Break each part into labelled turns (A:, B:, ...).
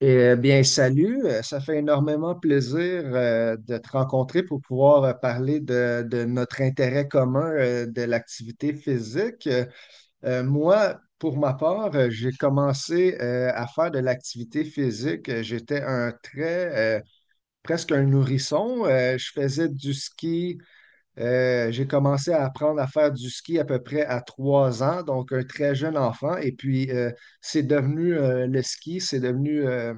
A: Salut. Ça fait énormément plaisir de te rencontrer pour pouvoir parler de notre intérêt commun de l'activité physique. Moi, pour ma part, j'ai commencé à faire de l'activité physique. J'étais un très, presque un nourrisson. Je faisais du ski. J'ai commencé à apprendre à faire du ski à peu près à 3 ans, donc un très jeune enfant. Et puis, c'est devenu le ski, c'est devenu euh,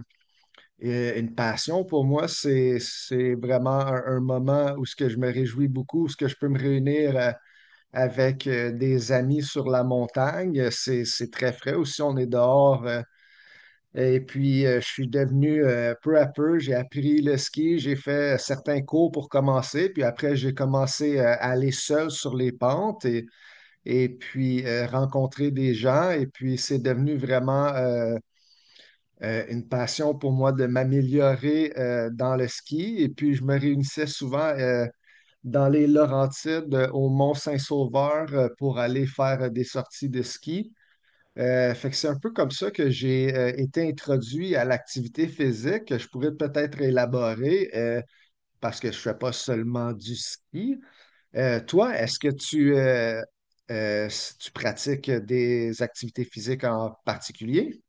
A: et euh, une passion pour moi, c'est vraiment un moment où ce que je me réjouis beaucoup, où ce que je peux me réunir avec des amis sur la montagne. C'est très frais aussi, on est dehors. Et puis, je suis devenu peu à peu, j'ai appris le ski, j'ai fait certains cours pour commencer, puis après, j'ai commencé à aller seul sur les pentes et puis rencontrer des gens. Et puis, c'est devenu vraiment une passion pour moi de m'améliorer dans le ski. Et puis, je me réunissais souvent dans les Laurentides, au Mont-Saint-Sauveur, pour aller faire des sorties de ski. Fait que c'est un peu comme ça que j'ai été introduit à l'activité physique, que je pourrais peut-être élaborer parce que je ne fais pas seulement du ski. Toi, est-ce que euh, tu pratiques des activités physiques en particulier?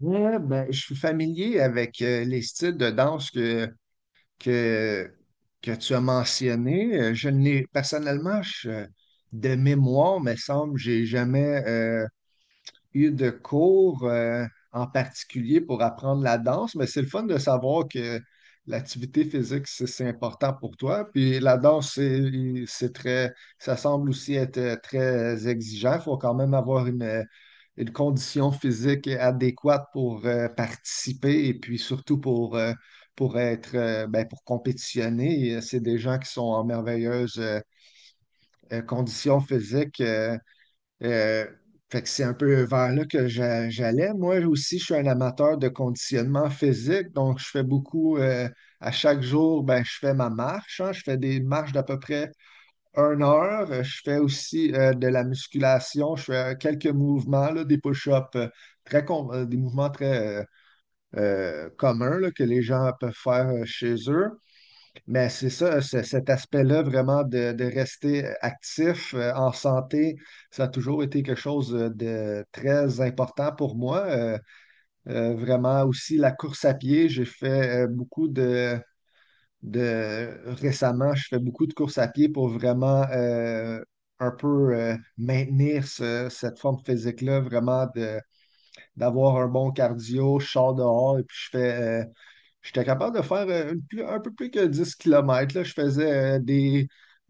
A: Ouais, ben, je suis familier avec les styles de danse que, que tu as mentionnés. Je n'ai personnellement, de mémoire, me semble, j'ai jamais eu de cours en particulier pour apprendre la danse, mais c'est le fun de savoir que l'activité physique, c'est important pour toi. Puis la danse, c'est très, ça semble aussi être très exigeant. Il faut quand même avoir une condition physique adéquate pour participer et puis surtout pour être, pour compétitionner. C'est des gens qui sont en merveilleuse condition physique. Euh, Fait que c'est un peu vers là que j'allais. Moi aussi, je suis un amateur de conditionnement physique, donc je fais beaucoup, à chaque jour, ben, je fais ma marche, hein. Je fais des marches d'à peu près 1 heure. Je fais aussi de la musculation, je fais quelques mouvements, là, des push-ups, des mouvements très communs là, que les gens peuvent faire chez eux. Mais c'est ça, cet aspect-là vraiment de rester actif, en santé, ça a toujours été quelque chose de très important pour moi. Vraiment aussi la course à pied, j'ai fait beaucoup Récemment, je fais beaucoup de course à pied pour vraiment un peu maintenir cette forme physique-là, vraiment d'avoir un bon cardio. Je sors dehors et puis je fais... J'étais capable de faire une un peu plus que 10 km. Je faisais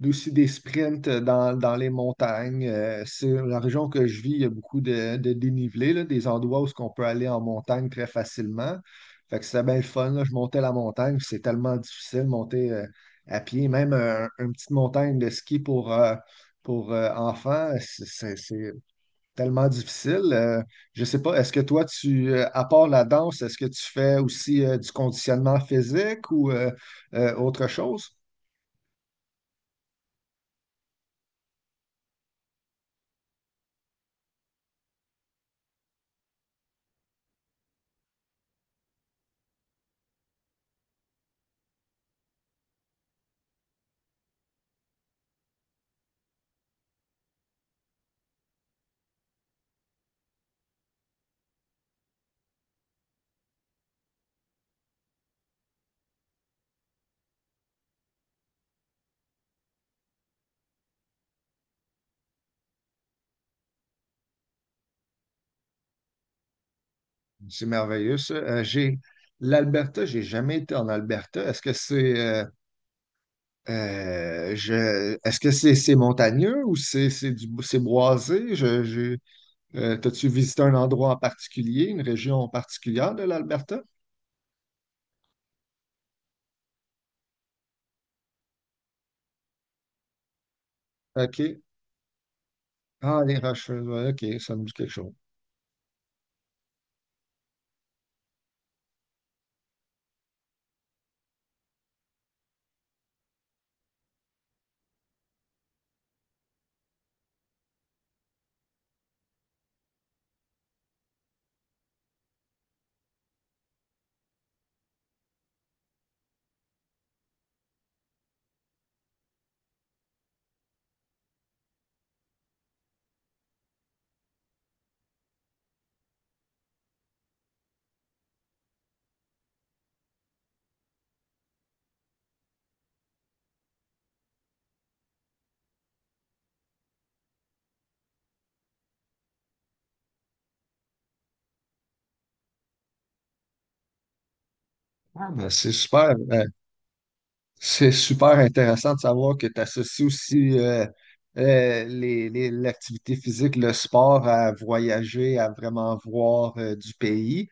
A: aussi des sprints dans les montagnes. C'est la région que je vis, il y a beaucoup de dénivelé, là, des endroits où on peut aller en montagne très facilement. Fait que c'était bien le fun. Là. Je montais la montagne, puis c'est tellement difficile de monter à pied. Même une petite montagne de ski pour, enfants, c'est tellement difficile. Je sais pas, est-ce que toi, à part la danse, est-ce que tu fais aussi du conditionnement physique ou autre chose? C'est merveilleux, ça. J'ai L'Alberta, j'ai jamais été en Alberta. Est-ce que c'est je est-ce que c'est montagneux ou c'est boisé? T'as-tu visité un endroit en particulier, une région en particulière de l'Alberta? OK. Ah, les Rocheuses, ouais, ok, ça me dit quelque chose. Ah, ben, c'est super intéressant de savoir que tu associes aussi l'activité physique, le sport à voyager, à vraiment voir du pays.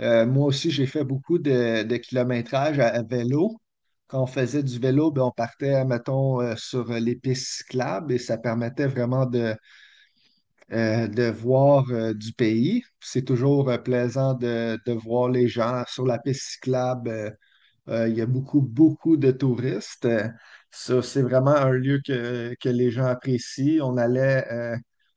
A: Moi aussi, j'ai fait beaucoup de kilométrage à vélo. Quand on faisait du vélo, ben, on partait, mettons, sur les pistes cyclables et ça permettait vraiment de voir du pays. C'est toujours plaisant de voir les gens sur la piste cyclable. Il y a beaucoup, beaucoup de touristes. Ça, c'est vraiment un lieu que les gens apprécient. On allait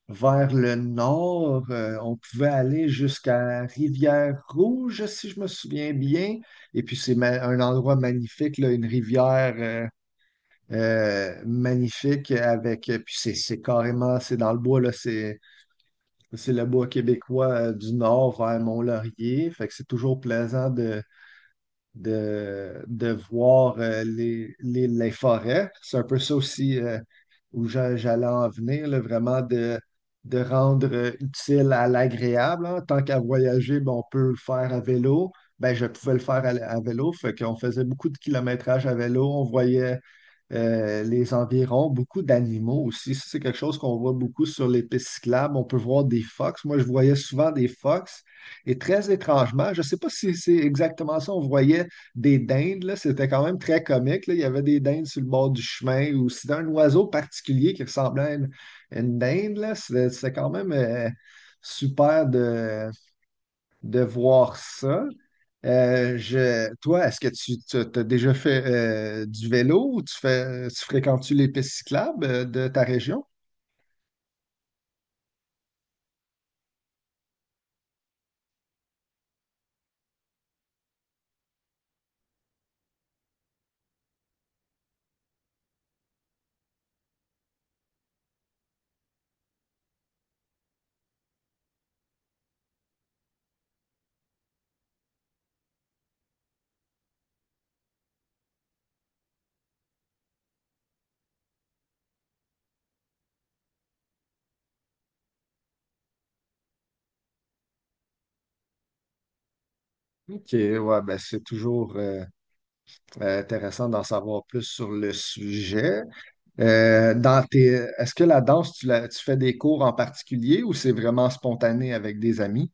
A: vers le nord. On pouvait aller jusqu'à Rivière-Rouge, si je me souviens bien. Et puis, un endroit magnifique, là, une rivière magnifique avec, puis c'est carrément, c'est dans le bois, là, c'est le bois québécois du nord vers Mont-Laurier. Fait que c'est toujours plaisant de voir les forêts. C'est un peu ça aussi j'allais en venir, là, vraiment de rendre utile à l'agréable. Hein. Tant qu'à voyager, ben, on peut le faire à vélo. Ben, je pouvais le faire à vélo. Fait qu'on faisait beaucoup de kilométrage à vélo. On voyait les environs, beaucoup d'animaux aussi. Ça, c'est quelque chose qu'on voit beaucoup sur les pistes cyclables. On peut voir des fox. Moi, je voyais souvent des fox. Et très étrangement, je ne sais pas si c'est exactement ça, on voyait des dindes, là. C'était quand même très comique, là. Il y avait des dindes sur le bord du chemin ou c'était un oiseau particulier qui ressemblait à à une dinde, là. C'était quand même super de voir ça. Toi, est-ce que tu as déjà fait du vélo ou tu fais, tu fréquentes-tu les pistes cyclables de ta région? Ok, ouais, ben c'est toujours intéressant d'en savoir plus sur le sujet. Euh, dans tes, Est-ce que la danse, tu fais des cours en particulier ou c'est vraiment spontané avec des amis?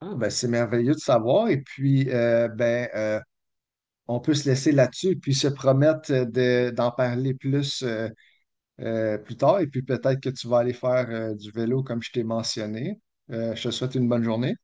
A: Ah, ben c'est merveilleux de savoir. Et puis, on peut se laisser là-dessus et puis se promettre d'en parler plus. Plus tard. Et puis peut-être que tu vas aller faire du vélo comme je t'ai mentionné. Je te souhaite une bonne journée.